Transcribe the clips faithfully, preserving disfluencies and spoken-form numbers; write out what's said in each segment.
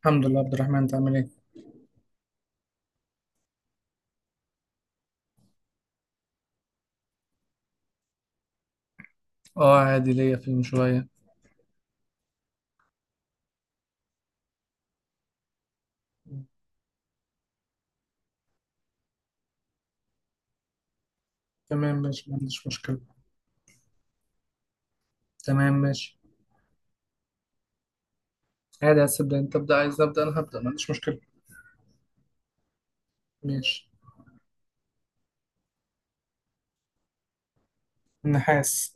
الحمد لله عبد الرحمن، انت عامل ايه؟ اه، عادي ليا فيلم شوية. تمام ماشي، ما عنديش مشكلة. تمام ماشي. عادي، عايز تبدأ انت تبدأ، عايز ابدأ انا هبدأ، ما عنديش مشكلة. ماشي. النحاس.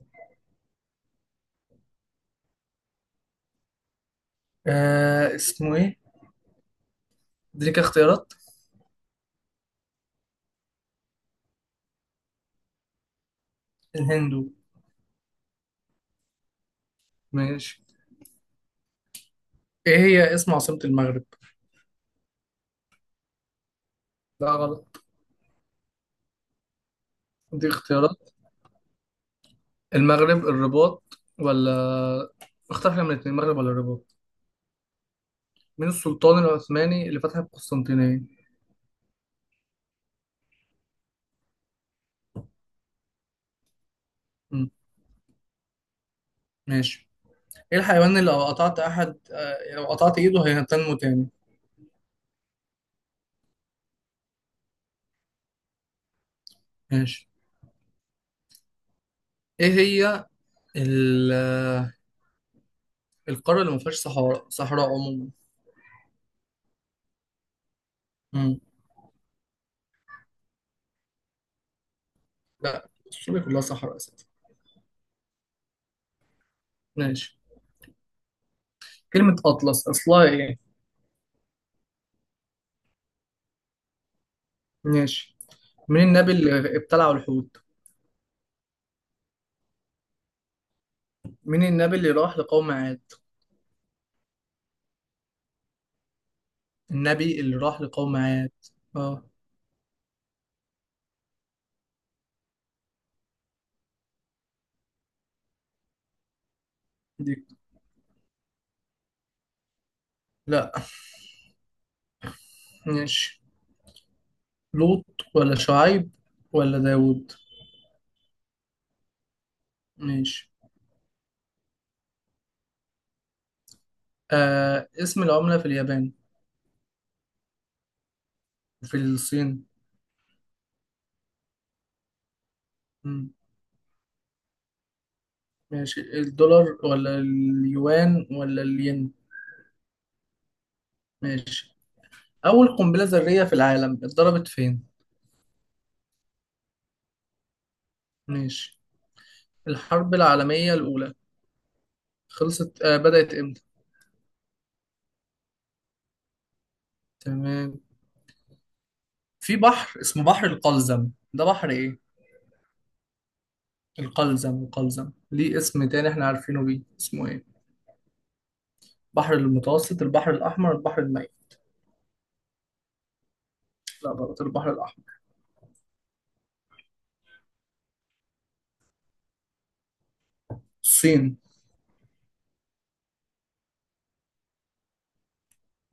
آه، اسمه ايه؟ اديك اختيارات. الهندو. ماشي. ايه هي اسم عاصمة المغرب؟ لا غلط. دي اختيارات. المغرب الرباط ولا. اختار حاجة من الاتنين، المغرب ولا الرباط. مين السلطان العثماني اللي فتح القسطنطينية؟ مم. ماشي. ايه الحيوان اللي لو قطعت احد آه، لو قطعت ايده هينتنمو تاني. ماشي. ايه هي ال- آه، القارة اللي ما فيهاش صحراء صحراء عموما. مم. لا استراليا كلها صحراء اساسا. ماشي. كلمة أطلس أصلها إيه؟ ماشي. مين النبي اللي ابتلعوا الحوت؟ مين النبي اللي راح لقوم عاد؟ النبي اللي راح لقوم عاد. اه. دي. لا. ماشي. لوط ولا شعيب ولا داوود. ماشي. آه اسم العملة في اليابان وفي الصين. مم. ماشي، الدولار ولا اليوان ولا الين. ماشي. أول قنبلة ذرية في العالم اتضربت فين؟ ماشي. الحرب العالمية الأولى خلصت آه بدأت إمتى؟ تمام. في بحر اسمه بحر القلزم، ده بحر إيه؟ القلزم القلزم ليه اسم تاني إحنا عارفينه بيه، اسمه إيه؟ بحر المتوسط، البحر الأحمر، البحر الميت. لا غلط، البحر الأحمر. الصين.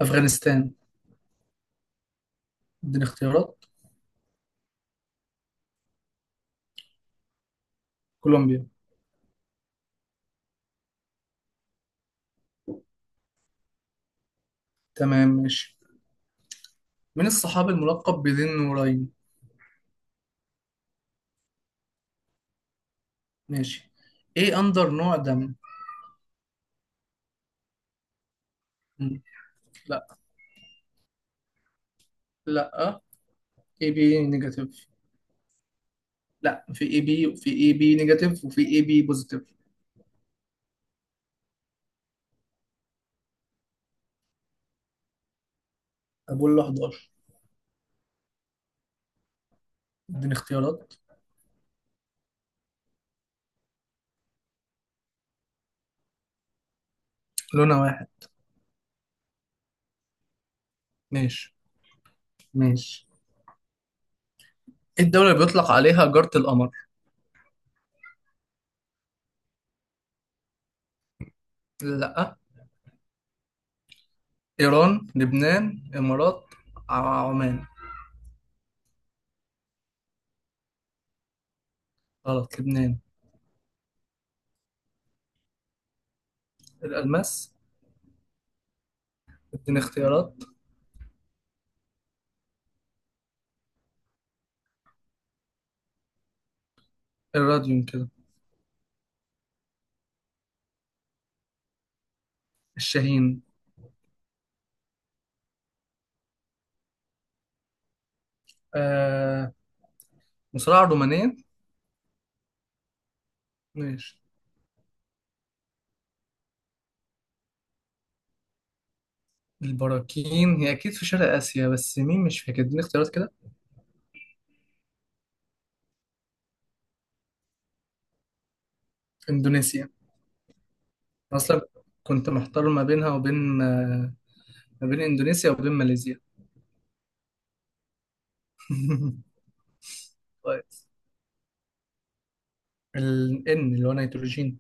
أفغانستان. اديني اختيارات. كولومبيا. تمام ماشي. من الصحابي الملقب بذي النورين؟ ماشي. ايه اندر نوع دم؟ م. لا. لا. اي بي نيجاتيف. لا، في اي بي وفي اي بي نيجاتيف وفي اي بي بوزيتيف. ابولا إحدى عشر. اديني اختيارات. لونها واحد. ماشي ماشي. ايه الدولة اللي بيطلق عليها جارة القمر؟ لا. ايران لبنان امارات، ع- عمان. غلط، لبنان. الالماس. اديني اختيارات. الراديوم كده. الشاهين. آه مصراعة الرومانية. ماشي. البراكين هي أكيد في شرق آسيا، بس مين مش فاكر، اديني اختيارات كده. إندونيسيا. أصلا كنت محتار ما بينها وبين آه، ما بين إندونيسيا وبين ماليزيا. كويس. ال N اللي هو نيتروجين.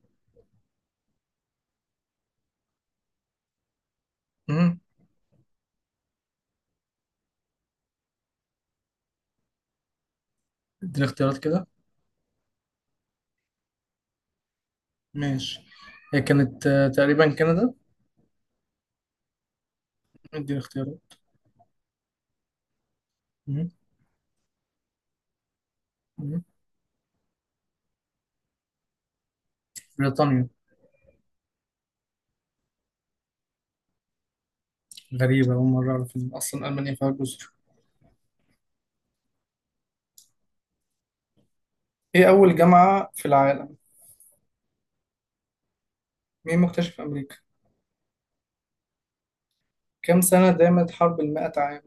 مم. اديني اختيارات كده. ماشي. هي كانت آه، تقريبا كندا. اديني اختيارات. مم. مم. بريطانيا. غريبة، أول مرة أعرف إن أصلا ألمانيا فيها جزر. إيه أول جامعة في العالم؟ مين مكتشف أمريكا؟ كم سنة دامت حرب المائة عام؟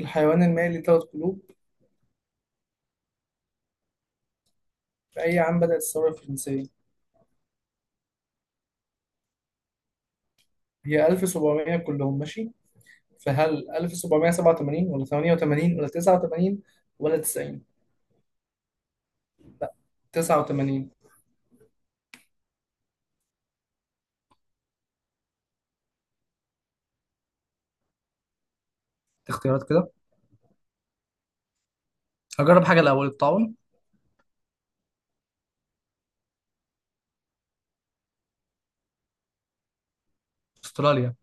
الحيوان المائي ليه ثلاث قلوب. في أي عام بدأت الثورة الفرنسية؟ هي ألف وسبعمية كلهم ماشي، فهل ألف وسبعمائة وسبعة وثمانين ولا ثمانية وثمانين ولا تسعة وثمانين ولا تسعين؟ لا، تسعة وثمانين. اختيارات كده. هجرب حاجة الأول، الطاعون. أستراليا.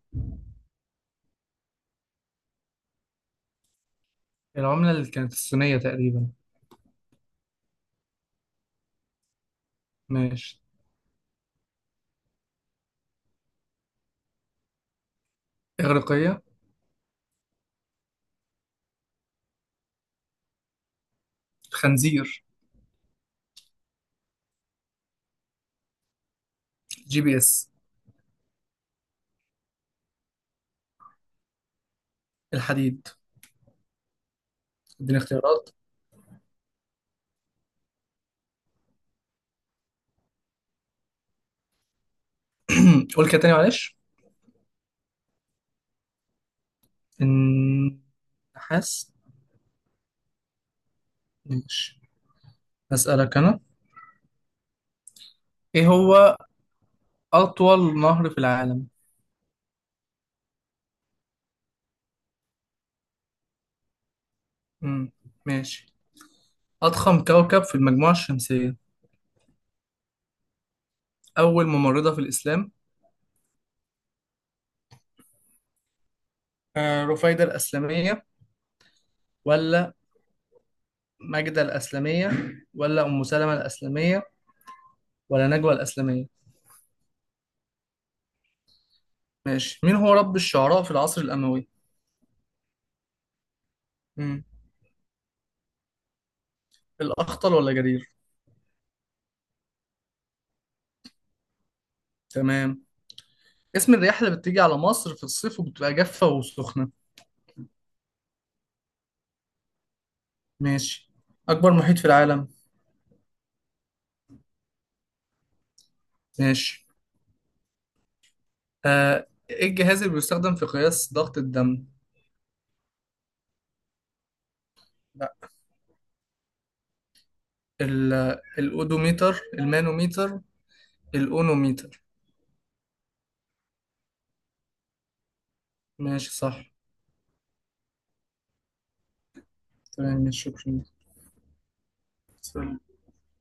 العملة اللي كانت الصينية تقريبا. ماشي. إغريقية. خنزير. جي بي إس. الحديد. اديني اختيارات. قول كده تاني معلش. النحاس. ماشي. هسألك أنا. إيه هو أطول نهر في العالم؟ مم. ماشي. أضخم كوكب في المجموعة الشمسية. أول ممرضة في الإسلام. آه، رفيدة الأسلمية ولا ماجدة الأسلمية ولا أم سلمة الأسلمية ولا نجوى الأسلمية. ماشي. مين هو رب الشعراء في العصر الأموي؟ مم. الأخطل ولا جرير. تمام. اسم الرياح اللي بتيجي على مصر في الصيف وبتبقى جافة وسخنة. ماشي. أكبر محيط في العالم. ماشي. آه، إيه الجهاز اللي بيستخدم في قياس ضغط الدم؟ لا. ال- الأودوميتر المانوميتر الأونوميتر. ماشي صح. تمام ماشي شكرا. سلام.